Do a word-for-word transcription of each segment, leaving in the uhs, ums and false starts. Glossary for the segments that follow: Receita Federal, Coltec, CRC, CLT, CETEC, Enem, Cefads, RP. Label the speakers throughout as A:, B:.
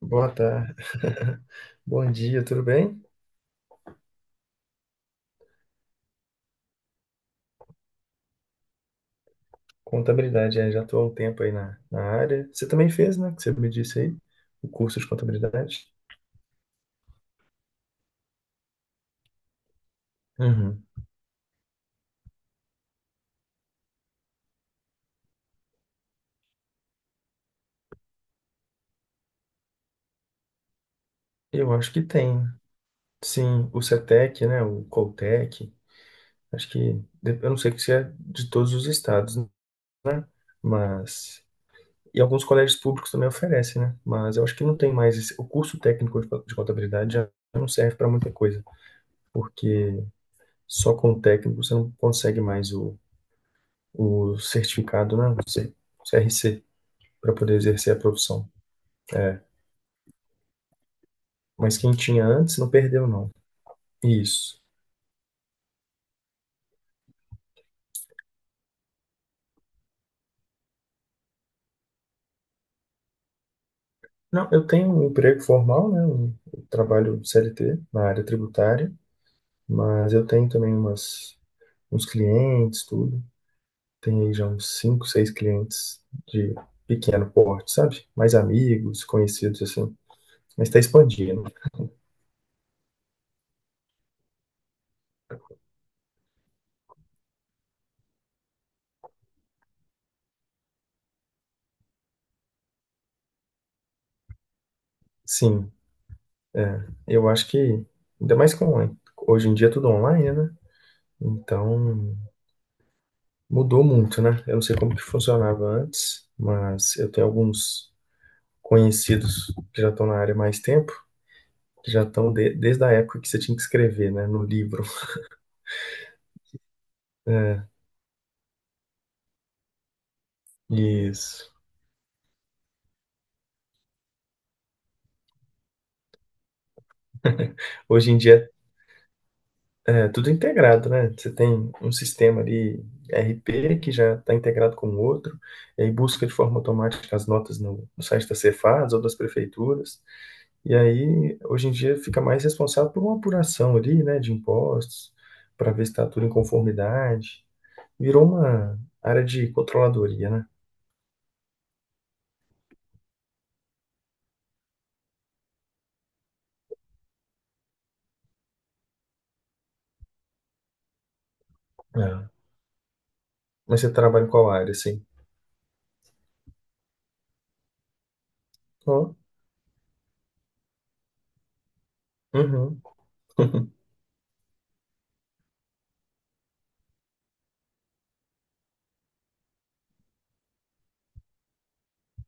A: Boa tarde. Bom dia, tudo bem? Contabilidade, é, já estou há um tempo aí na, na área. Você também fez, né? Que você me disse aí, o curso de contabilidade. Uhum. Eu acho que tem. Sim, o CETEC, né? O Coltec. Acho que, de- eu não sei se é de todos os estados, né? Mas. E alguns colégios públicos também oferecem, né? Mas eu acho que não tem mais esse. O curso técnico de co- de contabilidade já não serve para muita coisa, porque só com o técnico você não consegue mais o certificado, né? O C- CRC, para poder exercer a profissão. É. Mas quem tinha antes não perdeu, não. Isso. Não, eu tenho um emprego formal, né? Um eu trabalho C L T na área tributária, mas eu tenho também umas, uns clientes, tudo. Tenho aí já uns cinco, seis clientes de pequeno porte, sabe? Mais amigos, conhecidos, assim. Mas está expandindo. Sim, é. Eu acho que, ainda mais com, hoje em dia é tudo online, né? Então, mudou muito, né? Eu não sei como que funcionava antes, mas eu tenho alguns conhecidos que já estão na área há mais tempo, que já estão de- desde a época que você tinha que escrever, né, no livro. É, isso. Hoje em dia é tudo integrado, né? Você tem um sistema ali, R P, que já está integrado com o outro, e aí busca de forma automática as notas no, no site da Cefads ou das prefeituras. E aí, hoje em dia, fica mais responsável por uma apuração ali, né, de impostos, para ver se está tudo em conformidade. Virou uma área de controladoria, né? É. Mas você trabalha em qual área, assim? Ó, uhum.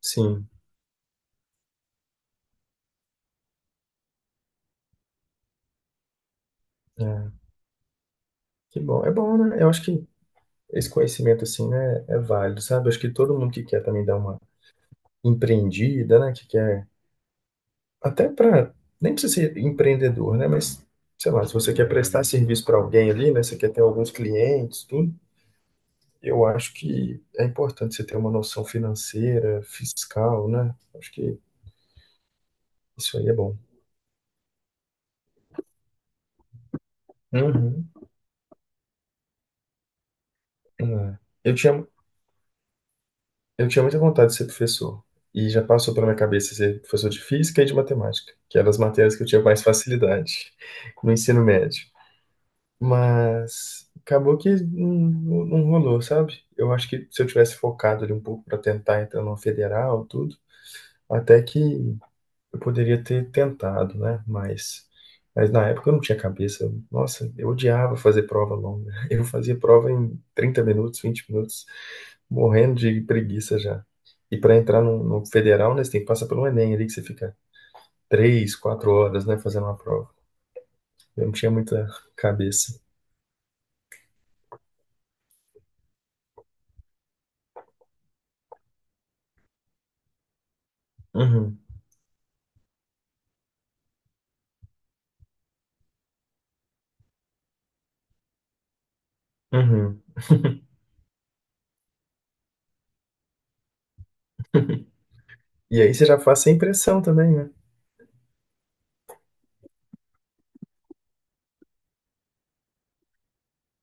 A: Sim, é. Que bom. É bom, né? Eu acho que esse conhecimento, assim, né, é válido, sabe? Eu acho que todo mundo que quer também dar uma empreendida, né, que quer, até para, nem precisa ser empreendedor, né, mas, sei lá, se você quer prestar serviço para alguém ali, né, você quer ter alguns clientes, tudo, eu acho que é importante você ter uma noção financeira, fiscal, né? Acho que isso aí é bom. Uhum. É. Eu tinha, eu tinha muita vontade de ser professor. E já passou pela minha cabeça ser professor de física e de matemática, que eram as matérias que eu tinha mais facilidade no ensino médio. Mas acabou que não, não rolou, sabe? Eu acho que se eu tivesse focado ali um pouco para tentar entrar numa federal, tudo, até que eu poderia ter tentado, né? Mas, mas na época eu não tinha cabeça. Eu- Nossa, eu odiava fazer prova longa. Eu fazia prova em trinta minutos, vinte minutos, morrendo de preguiça já. E para entrar no, no federal, né, você tem que passar pelo Enem ali, que você fica três, quatro horas, né, fazendo uma prova. Eu não tinha muita cabeça. Uhum, uhum. E aí você já faz sem pressão também, né?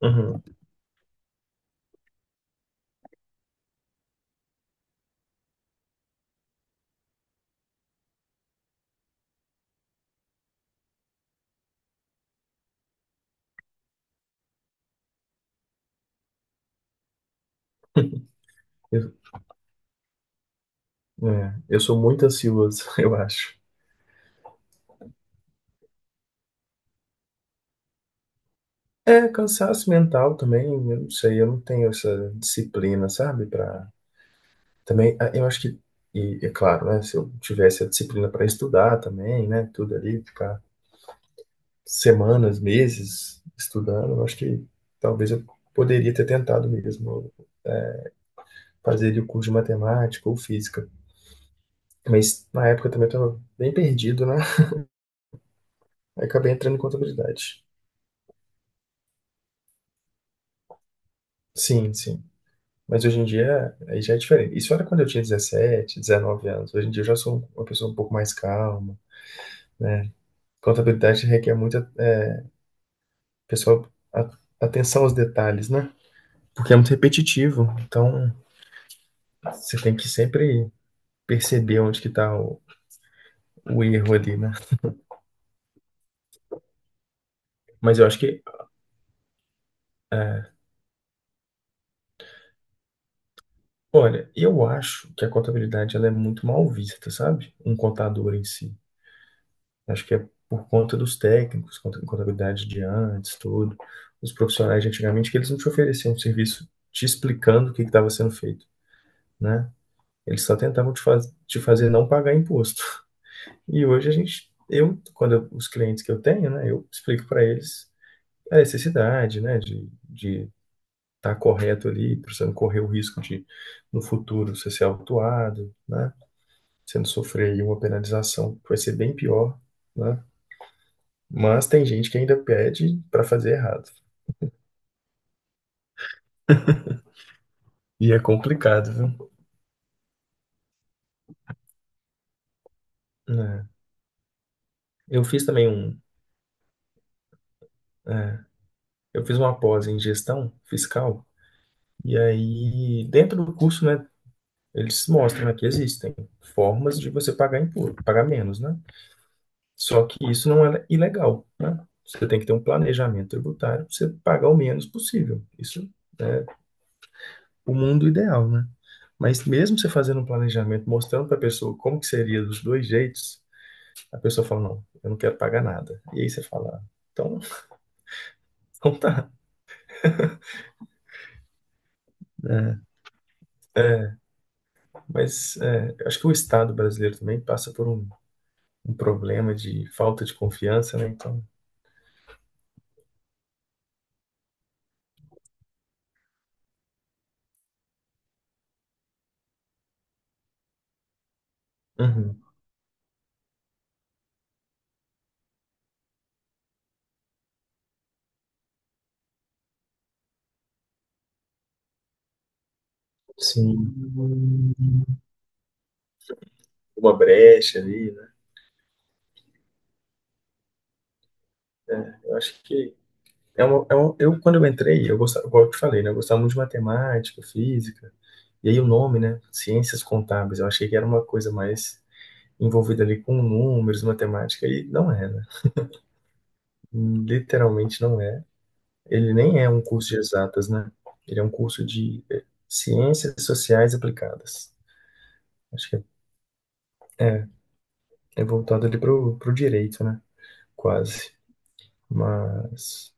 A: Uhum. Eu, é, eu sou muito ansioso, eu acho. É, cansaço mental também, eu não sei, eu não tenho essa disciplina, sabe? Pra, também, ah, eu acho que, e é claro, né? Se eu tivesse a disciplina para estudar também, né? Tudo ali, ficar semanas, meses estudando, eu acho que talvez eu poderia ter tentado mesmo fazer ali o curso de matemática ou física. Mas na época também eu estava bem perdido, né? Aí acabei entrando em contabilidade. Sim, sim. Mas hoje em dia aí já é diferente. Isso era quando eu tinha dezessete, dezenove anos. Hoje em dia eu já sou um, uma pessoa um pouco mais calma. Contabilidade requer muita, é, pessoal, a- atenção aos detalhes, né? Porque é muito repetitivo. Então você tem que sempre perceber onde que tá o, o erro ali, né? Mas eu acho que, é, olha, eu acho que a contabilidade ela é muito mal vista, sabe? Um contador em si. Acho que é por conta dos técnicos, conta- contabilidade de antes, tudo. Os profissionais de antigamente, que eles não te ofereciam um serviço te explicando o que estava sendo feito, né? Eles só tentavam te, faz, te fazer não pagar imposto. E hoje a gente, eu, quando eu- os clientes que eu tenho, né, eu explico para eles a necessidade, né, de de estar correto ali, para você não correr o risco de, no futuro, você ser autuado, né? Você não sofrer aí uma penalização que vai ser bem pior, né? Mas tem gente que ainda pede pra fazer errado. E é complicado, viu? É. Eu fiz também um. É, eu fiz uma pós em gestão fiscal. E aí, dentro do curso, né, eles mostram, né, que existem formas de você pagar impuro, pagar menos, né? Só que isso não é ilegal, né? Você tem que ter um planejamento tributário para você pagar o menos possível. Isso é o mundo ideal, né? Mas mesmo você fazendo um planejamento, mostrando para a pessoa como que seria dos dois jeitos, a pessoa fala, não, eu não quero pagar nada. E aí você fala, "Ah, então, então tá." Né? É, mas é, eu acho que o Estado brasileiro também passa por um, um problema de falta de confiança, né? Então, uhum, sim, uma brecha ali, né? É, eu acho que é uma, é uma- eu quando eu entrei, eu gostava, igual eu te falei, né? Eu gostava muito de matemática, física, e aí o nome, né? Ciências contábeis, eu achei que era uma coisa mais envolvida ali com números, matemática, e não é, né? Literalmente não é. Ele nem é um curso de exatas, né? Ele é um curso de eh, ciências sociais aplicadas. Acho que é é voltado ali pro, pro direito, né? Quase. Mas.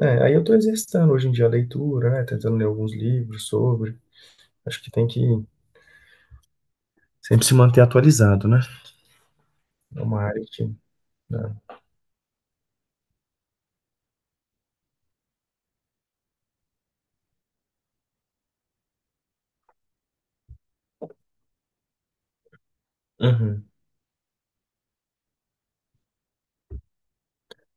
A: É, aí eu tô exercitando hoje em dia a leitura, né? Tentando ler alguns livros sobre. Acho que tem que sempre se manter atualizado, né? É uma área que. Né? Uhum.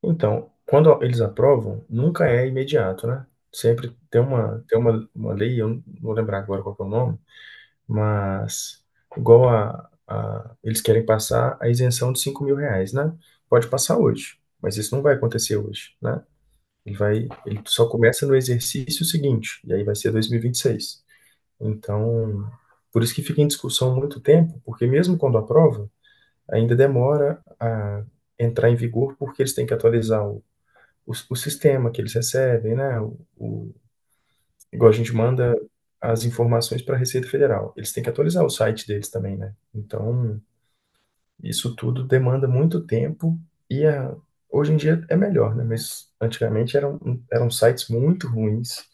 A: Então, quando eles aprovam, nunca é imediato, né? Sempre tem uma, tem uma, uma lei, eu não vou lembrar agora qual que é o nome. Mas, igual a, a- eles querem passar a isenção de cinco mil reais, né? Pode passar hoje, mas isso não vai acontecer hoje, né? Ele vai, ele só começa no exercício seguinte, e aí vai ser dois mil e e vinte e seis. Então, por isso que fica em discussão muito tempo, porque mesmo quando aprova, ainda demora a entrar em vigor, porque eles têm que atualizar o, o, o sistema que eles recebem, né? O, o- Igual a gente manda as informações para a Receita Federal. Eles têm que atualizar o site deles também, né? Então, isso tudo demanda muito tempo e a- hoje em dia é melhor, né? Mas antigamente eram, eram sites muito ruins,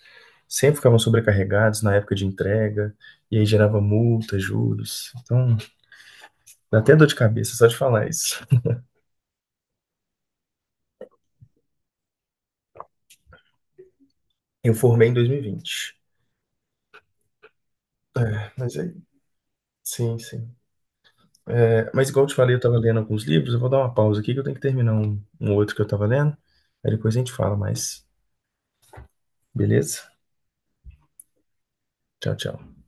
A: sempre ficavam sobrecarregados na época de entrega, e aí gerava multa, juros. Então, dá até dor de cabeça só de falar isso. Eu formei em dois mil e vinte. É, mas aí, sim, sim. É, mas igual eu te falei, eu tava lendo alguns livros, eu vou dar uma pausa aqui que eu tenho que terminar um, um outro que eu tava lendo. Aí depois a gente fala mais, beleza? Tchau, tchau.